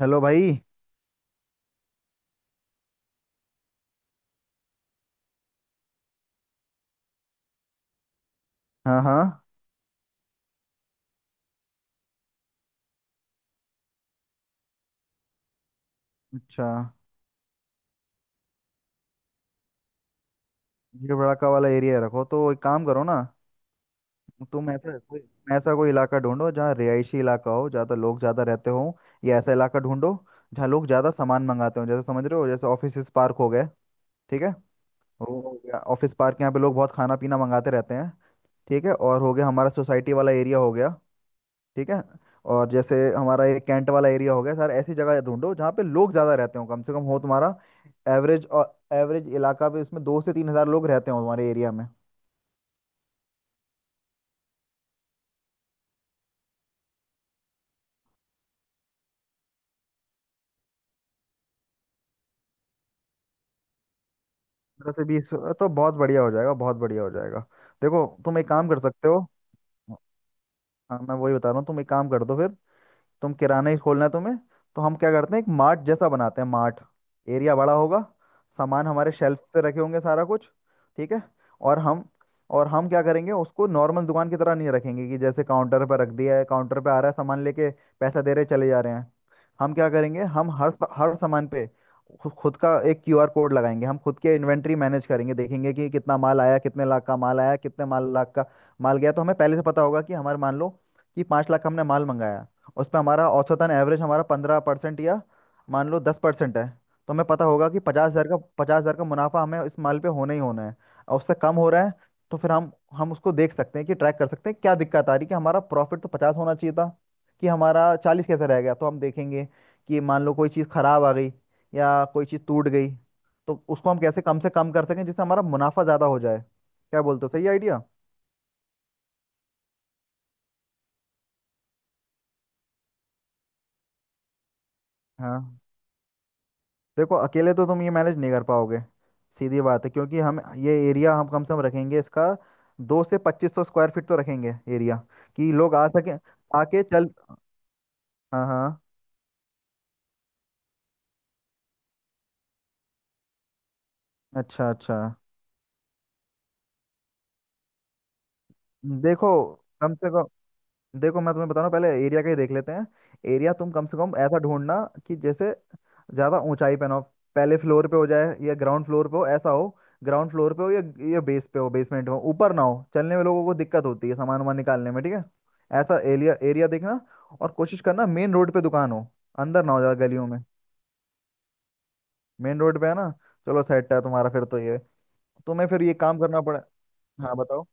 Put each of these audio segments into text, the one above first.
Hello भाई। हाँ, हाँ। अच्छा, ये बड़ाका वाला एरिया रखो तो एक काम करो ना। तुम ऐसा कोई इलाका ढूंढो जहाँ रिहायशी इलाका हो, ज़्यादा लोग ज़्यादा रहते हो। या ऐसा इलाका ढूंढो जहाँ लोग ज़्यादा सामान मंगाते हो, जैसे समझ रहे हो, जैसे ऑफिस पार्क हो गए। ठीक है। वो हो गया ऑफिस पार्क, यहाँ पे लोग बहुत खाना पीना मंगाते रहते हैं। ठीक है, और हो गया हमारा सोसाइटी वाला एरिया हो गया। ठीक है। और जैसे हमारा ये कैंट वाला एरिया हो गया सर, ऐसी जगह ढूंढो जहाँ पे लोग ज़्यादा रहते हो, कम से कम हो तुम्हारा एवरेज। और एवरेज इलाका भी उसमें 2 से 3 हज़ार लोग रहते हो तुम्हारे एरिया में। 15 से 20? तो बहुत बढ़िया हो जाएगा, बहुत बढ़िया हो जाएगा। देखो तुम एक काम कर सकते हो। हाँ, मैं वही बता रहा हूँ, तुम एक काम कर दो फिर। तुम किराना ही खोलना है तुम्हें? तो हम क्या करते हैं, एक मार्ट जैसा बनाते हैं, मार्ट। एरिया बड़ा होगा, सामान हमारे शेल्फ पे रखे होंगे सारा कुछ। ठीक है। और हम और हम क्या करेंगे, उसको नॉर्मल दुकान की तरह नहीं रखेंगे कि जैसे काउंटर पर रख दिया है, काउंटर पे आ रहा है सामान लेके, पैसा दे रहे चले जा रहे हैं। हम क्या करेंगे, हम हर हर सामान पे खुद का एक क्यूआर कोड लगाएंगे। हम खुद के इन्वेंट्री मैनेज करेंगे, देखेंगे कि कितना माल आया, कितने लाख का माल आया, कितने माल लाख का माल गया, तो हमें पहले से पता होगा कि हमारे, मान लो कि 5 लाख का हमने माल मंगाया, उसमें हमारा औसतन एवरेज हमारा 15% या मान लो 10% है, तो हमें पता होगा कि 50,000 का पचास हज़ार का मुनाफा हमें इस माल पे होना ही होना है। और उससे कम हो रहा है तो फिर हम उसको देख सकते हैं कि ट्रैक कर सकते हैं क्या दिक्कत आ रही है, कि हमारा प्रॉफिट तो पचास होना चाहिए था, कि हमारा चालीस कैसे रह गया। तो हम देखेंगे कि मान लो कोई चीज़ ख़राब आ गई या कोई चीज़ टूट गई, तो उसको हम कैसे कम से कम कर सकें जिससे हमारा मुनाफा ज़्यादा हो जाए। क्या बोलते हो, सही आइडिया? हाँ। देखो अकेले तो तुम ये मैनेज नहीं कर पाओगे, सीधी बात है। क्योंकि हम ये एरिया हम कम से कम रखेंगे इसका, दो से पच्चीस सौ स्क्वायर फीट तो रखेंगे एरिया, कि लोग आ सके, आके चल। हाँ, हाँ। अच्छा, अच्छा। देखो कम से कम, देखो मैं तुम्हें बता रहा हूँ, पहले एरिया का ही देख लेते हैं। एरिया तुम कम से कम ऐसा ढूंढना कि जैसे ज्यादा ऊंचाई पे ना हो, पहले फ्लोर पे हो जाए या ग्राउंड फ्लोर पे हो ऐसा हो, ग्राउंड फ्लोर पे हो या बेस पे हो, बेसमेंट में हो। ऊपर ना हो, चलने में लोगों को दिक्कत होती है, सामान वामान निकालने में। ठीक है? ऐसा एरिया एरिया देखना। और कोशिश करना मेन रोड पे दुकान हो, अंदर ना हो ज्यादा गलियों में। मेन रोड पे है ना? चलो सेट है तुम्हारा फिर तो ये। तुम्हें फिर ये काम करना पड़े। हाँ बताओ।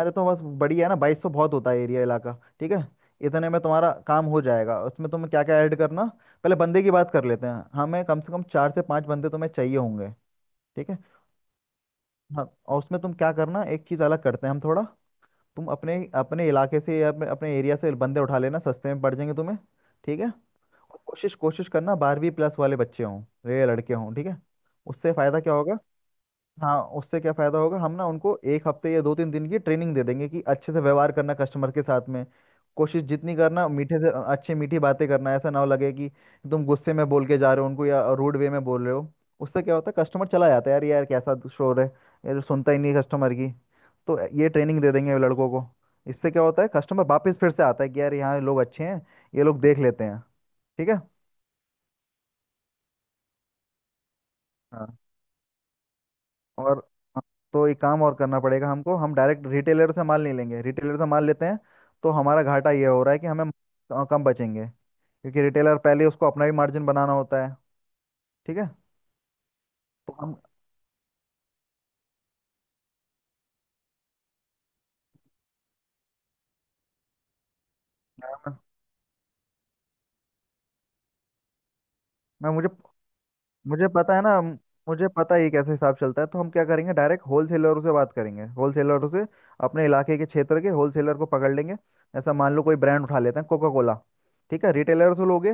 अरे तो बस बढ़िया है ना, 2200 बहुत होता है एरिया इलाका। ठीक है, इतने में तुम्हारा काम हो जाएगा। उसमें तुम्हें क्या क्या ऐड करना, पहले बंदे की बात कर लेते हैं। हमें कम से कम चार से पांच बंदे तुम्हें चाहिए होंगे। ठीक है। हाँ, और उसमें तुम क्या करना, एक चीज़ अलग करते हैं हम थोड़ा। तुम अपने अपने इलाके से या अपने, अपने एरिया से बंदे उठा लेना, सस्ते में पड़ जाएंगे तुम्हें। ठीक है। और कोशिश कोशिश करना बारहवीं प्लस वाले बच्चे हों, ये लड़के हों। ठीक है। उससे फ़ायदा क्या होगा? हाँ उससे क्या फायदा होगा, हम ना उनको एक हफ्ते या दो तीन दिन की ट्रेनिंग दे देंगे कि अच्छे से व्यवहार करना कस्टमर के साथ में, कोशिश जितनी करना मीठे से अच्छे, मीठी बातें करना। ऐसा ना हो लगे कि तुम गुस्से में बोल के जा रहे हो उनको या रूड वे में बोल रहे हो। उससे क्या होता है, कस्टमर चला जाता है यार, यार कैसा शोर है, यार सुनता ही नहीं कस्टमर की। तो ये ट्रेनिंग दे देंगे लड़कों को। इससे क्या होता है, कस्टमर वापस फिर से आता है कि यार यहाँ लोग अच्छे हैं, ये लोग देख लेते हैं। ठीक है। हाँ और हाँ, तो एक काम और करना पड़ेगा हमको। हम डायरेक्ट रिटेलर से माल नहीं लेंगे, रिटेलर से माल लेते हैं तो हमारा घाटा ये हो रहा है कि हमें कम बचेंगे, क्योंकि रिटेलर पहले उसको अपना भी मार्जिन बनाना होता है। ठीक है। तो हम, मैं मैं- मुझे मुझे पता है ना, मुझे पता है ये कैसे हिसाब चलता है। तो हम क्या करेंगे, डायरेक्ट होलसेलरों से बात करेंगे, होलसेलरों से अपने इलाके के क्षेत्र के होलसेलर को पकड़ लेंगे। ऐसा मान लो कोई ब्रांड उठा लेते हैं, कोका कोला। ठीक है, रिटेलर से लोगे,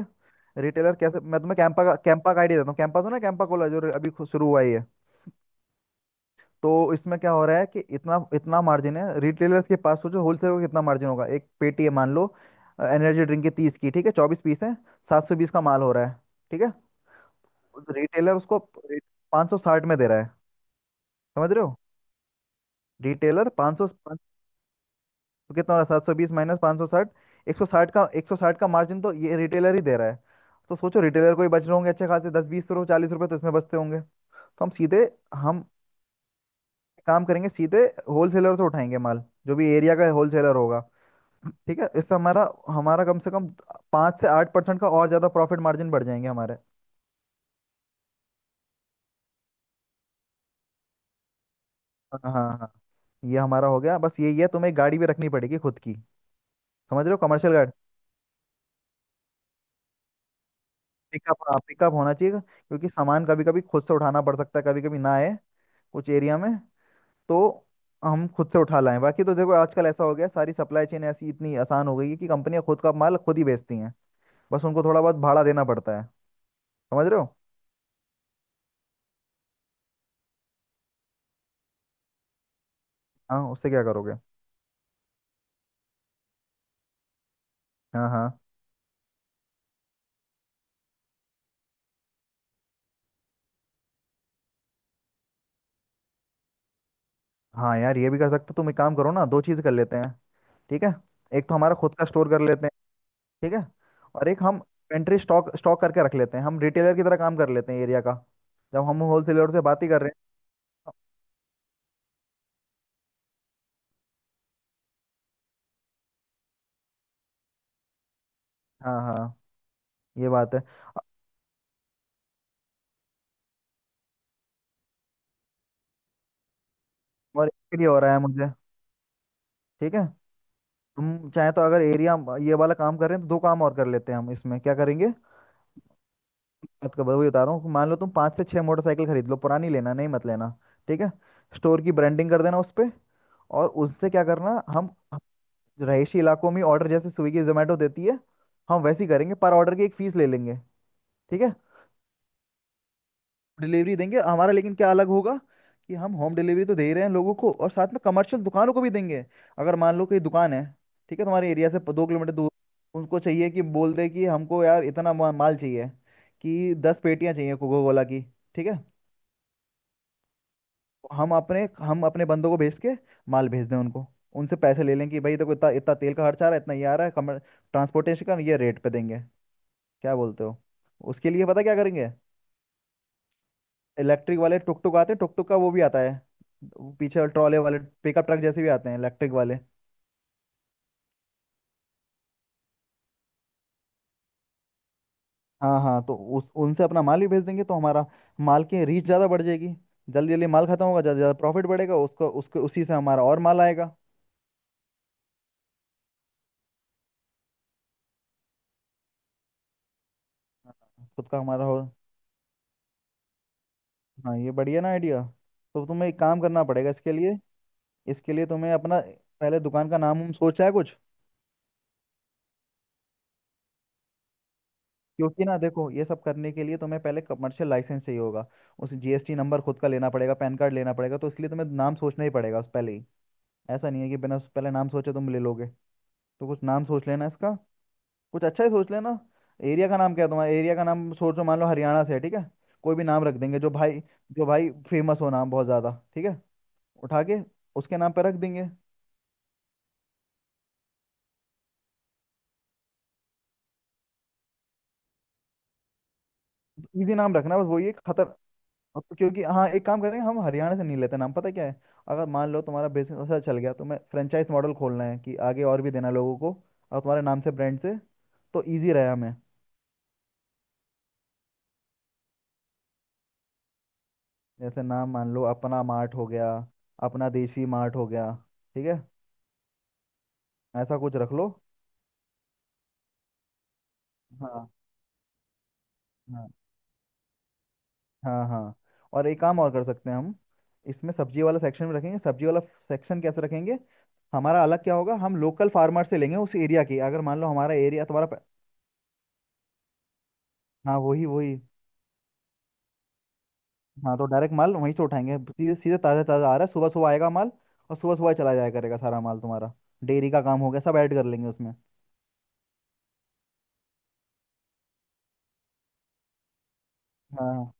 रिटेलर कैसे, मैं तुम्हें कैंपा का आइडिया देता हूँ। कैंपा सुना है, कैंपा कोला जो अभी शुरू हुआ ही है। तो इसमें क्या हो रहा है कि इतना इतना मार्जिन है रिटेलर्स के पास, सोचो होलसेलर को कितना मार्जिन होगा। एक पेटी है मान लो एनर्जी ड्रिंक की, तीस की, ठीक है, 24 पीस है, 720 का माल हो रहा है। ठीक है, रिटेलर उसको 560 में दे रहा है, समझ रहे हो? रिटेलर पाँच सौ, तो कितना हो रहा है, 720 माइनस 560, 160 का एक सौ साठ का मार्जिन तो ये रिटेलर ही दे रहा है। तो सोचो रिटेलर को ही बच रहे होंगे अच्छे खासे दस बीस रुपये, 40 रुपये तो इसमें बचते होंगे। तो हम काम करेंगे सीधे, होलसेलर से उठाएंगे माल, जो भी एरिया का होलसेलर होगा। ठीक है, इससे हमारा, हमारा कम से कम 5 से 8% का और ज़्यादा प्रॉफिट मार्जिन बढ़ जाएंगे हमारे। हाँ, हाँ, हाँ। ये हमारा हो गया, बस यही है। तुम्हें एक गाड़ी भी रखनी पड़ेगी खुद की, समझ रहे हो, कमर्शियल गाड़ी। पिकअप, हाँ पिकअप होना चाहिए क्योंकि सामान कभी कभी खुद से उठाना पड़ सकता है, कभी कभी ना आए कुछ एरिया में तो हम खुद से उठा लाएं। बाकी तो देखो आजकल ऐसा हो गया सारी सप्लाई चेन ऐसी इतनी आसान हो गई है कि कंपनियां खुद का माल खुद ही बेचती हैं, बस उनको थोड़ा बहुत भाड़ा देना पड़ता है, समझ रहे हो? हाँ उससे क्या करोगे? हाँ, हाँ, हाँ, यार ये भी कर सकते हो। तुम एक काम करो ना, दो चीज़ कर लेते हैं। ठीक है, एक तो हमारा खुद का स्टोर कर लेते हैं। ठीक है। और एक हम पेंट्री स्टॉक स्टॉक करके रख लेते हैं, हम रिटेलर की तरह काम कर लेते हैं एरिया का, जब हम होलसेलर से बात ही कर रहे हैं। हाँ, हाँ, ये बात है। और इसके लिए हो रहा है मुझे। ठीक है, तुम चाहे तो अगर एरिया ये वाला काम कर रहे हैं तो दो काम और कर लेते हैं हम, इसमें क्या करेंगे, बात कर वही बता रहा हूँ। मान लो तुम 5 से 6 मोटरसाइकिल खरीद लो, पुरानी लेना, नहीं, मत लेना। ठीक है। स्टोर की ब्रांडिंग कर देना उस पर। और उससे क्या करना, हम रहायशी इलाकों में ऑर्डर जैसे स्विगी जोमेटो देती है, हम वैसे ही करेंगे, पर ऑर्डर की एक फीस ले लेंगे। ठीक है, डिलीवरी देंगे हमारा, लेकिन क्या अलग होगा कि हम होम डिलीवरी तो दे रहे हैं लोगों को और साथ में कमर्शियल दुकानों को भी देंगे। अगर मान लो कोई दुकान है, ठीक है, तुम्हारे एरिया से 2 किलोमीटर दूर, उनको चाहिए कि बोल दे कि हमको यार इतना माल चाहिए, कि 10 पेटियां चाहिए कोको कोला की। ठीक है, तो हम अपने बंदों को भेज के माल भेज दें उनको, उनसे पैसे ले लें कि भाई देखो इतना इतना तेल का खर्चा आ रहा है, इतना ये आ रहा है कमर ट्रांसपोर्टेशन का, ये रेट पे देंगे। क्या बोलते हो? उसके लिए पता क्या करेंगे, इलेक्ट्रिक वाले टुक टुक आते हैं, टुक टुक का वो भी आता है, वो पीछे ट्रॉले वाले पिकअप ट्रक जैसे भी आते हैं इलेक्ट्रिक वाले। हाँ, हाँ, तो उस उनसे अपना माल भी भेज देंगे तो हमारा माल की रीच ज़्यादा बढ़ जाएगी, जल्दी जल्दी माल खत्म होगा, ज़्यादा से ज़्यादा प्रॉफिट बढ़ेगा, उसको उसके उसी से हमारा और माल आएगा। हाँ, खुद का हमारा हो। हाँ ये बढ़िया ना आइडिया? तो तुम्हें एक काम करना पड़ेगा इसके लिए। इसके लिए तुम्हें अपना पहले दुकान का नाम, हम सोचा है कुछ? क्योंकि ना देखो ये सब करने के लिए तुम्हें पहले कमर्शियल लाइसेंस चाहिए होगा, उस जीएसटी नंबर खुद का लेना पड़ेगा, पैन कार्ड लेना पड़ेगा, तो इसलिए तुम्हें नाम सोचना ही पड़ेगा उस पहले ही। ऐसा नहीं है कि बिना उस पहले नाम सोचे तुम ले लोगे। तो कुछ नाम सोच लेना इसका, कुछ अच्छा ही सोच लेना। एरिया का नाम क्या है तुम्हारा, एरिया का नाम सोचो, मान लो हरियाणा से है, ठीक है, कोई भी नाम रख देंगे। जो भाई फेमस हो नाम बहुत ज़्यादा, ठीक है, उठा के उसके नाम पे रख देंगे। इजी नाम रखना, बस वही है खतर। अब तो क्योंकि हाँ, एक काम करेंगे हम, हरियाणा से नहीं लेते नाम, पता क्या है, अगर मान लो तुम्हारा बिजनेस अच्छा चल गया तो मैं फ्रेंचाइज मॉडल खोलना है कि आगे और भी देना लोगों को, और तुम्हारे नाम से, ब्रांड से, तो इजी रहे हमें। जैसे नाम मान लो अपना मार्ट हो गया, अपना देसी मार्ट हो गया, ठीक है, ऐसा कुछ रख लो। हाँ, हाँ, हाँ, हाँ। और एक काम और कर सकते हैं हम, इसमें सब्जी वाला सेक्शन में रखेंगे, सब्जी वाला सेक्शन कैसे रखेंगे, हमारा अलग क्या होगा, हम लोकल फार्मर से लेंगे उस एरिया की, अगर मान लो हमारा एरिया तुम्हारा हाँ वही वही। हाँ, तो डायरेक्ट माल वहीं से उठाएंगे, सीधे सीधे ताज़ा ताज़ा आ रहा है, सुबह सुबह आएगा माल और सुबह सुबह ही चला जाया करेगा सारा माल तुम्हारा। डेयरी का काम हो गया, सब ऐड कर लेंगे उसमें। हाँ,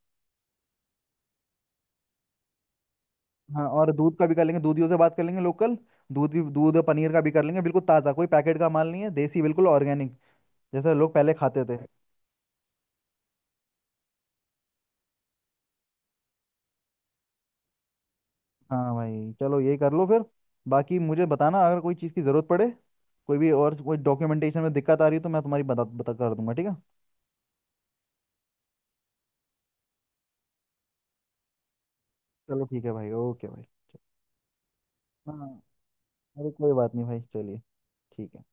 हाँ, और दूध का भी कर लेंगे, दूधियों से बात कर लेंगे लोकल, दूध भी, दूध पनीर का भी कर लेंगे बिल्कुल ताज़ा, कोई पैकेट का माल नहीं है, देसी बिल्कुल ऑर्गेनिक जैसे लोग पहले खाते थे। हाँ भाई चलो ये कर लो फिर। बाकी मुझे बताना अगर कोई चीज़ की ज़रूरत पड़े, कोई भी, और कोई डॉक्यूमेंटेशन में दिक्कत आ रही है तो मैं तुम्हारी मदद बता कर दूंगा। ठीक है? चलो ठीक है भाई, ओके भाई। हाँ, अरे कोई बात नहीं भाई, चलिए। ठीक है।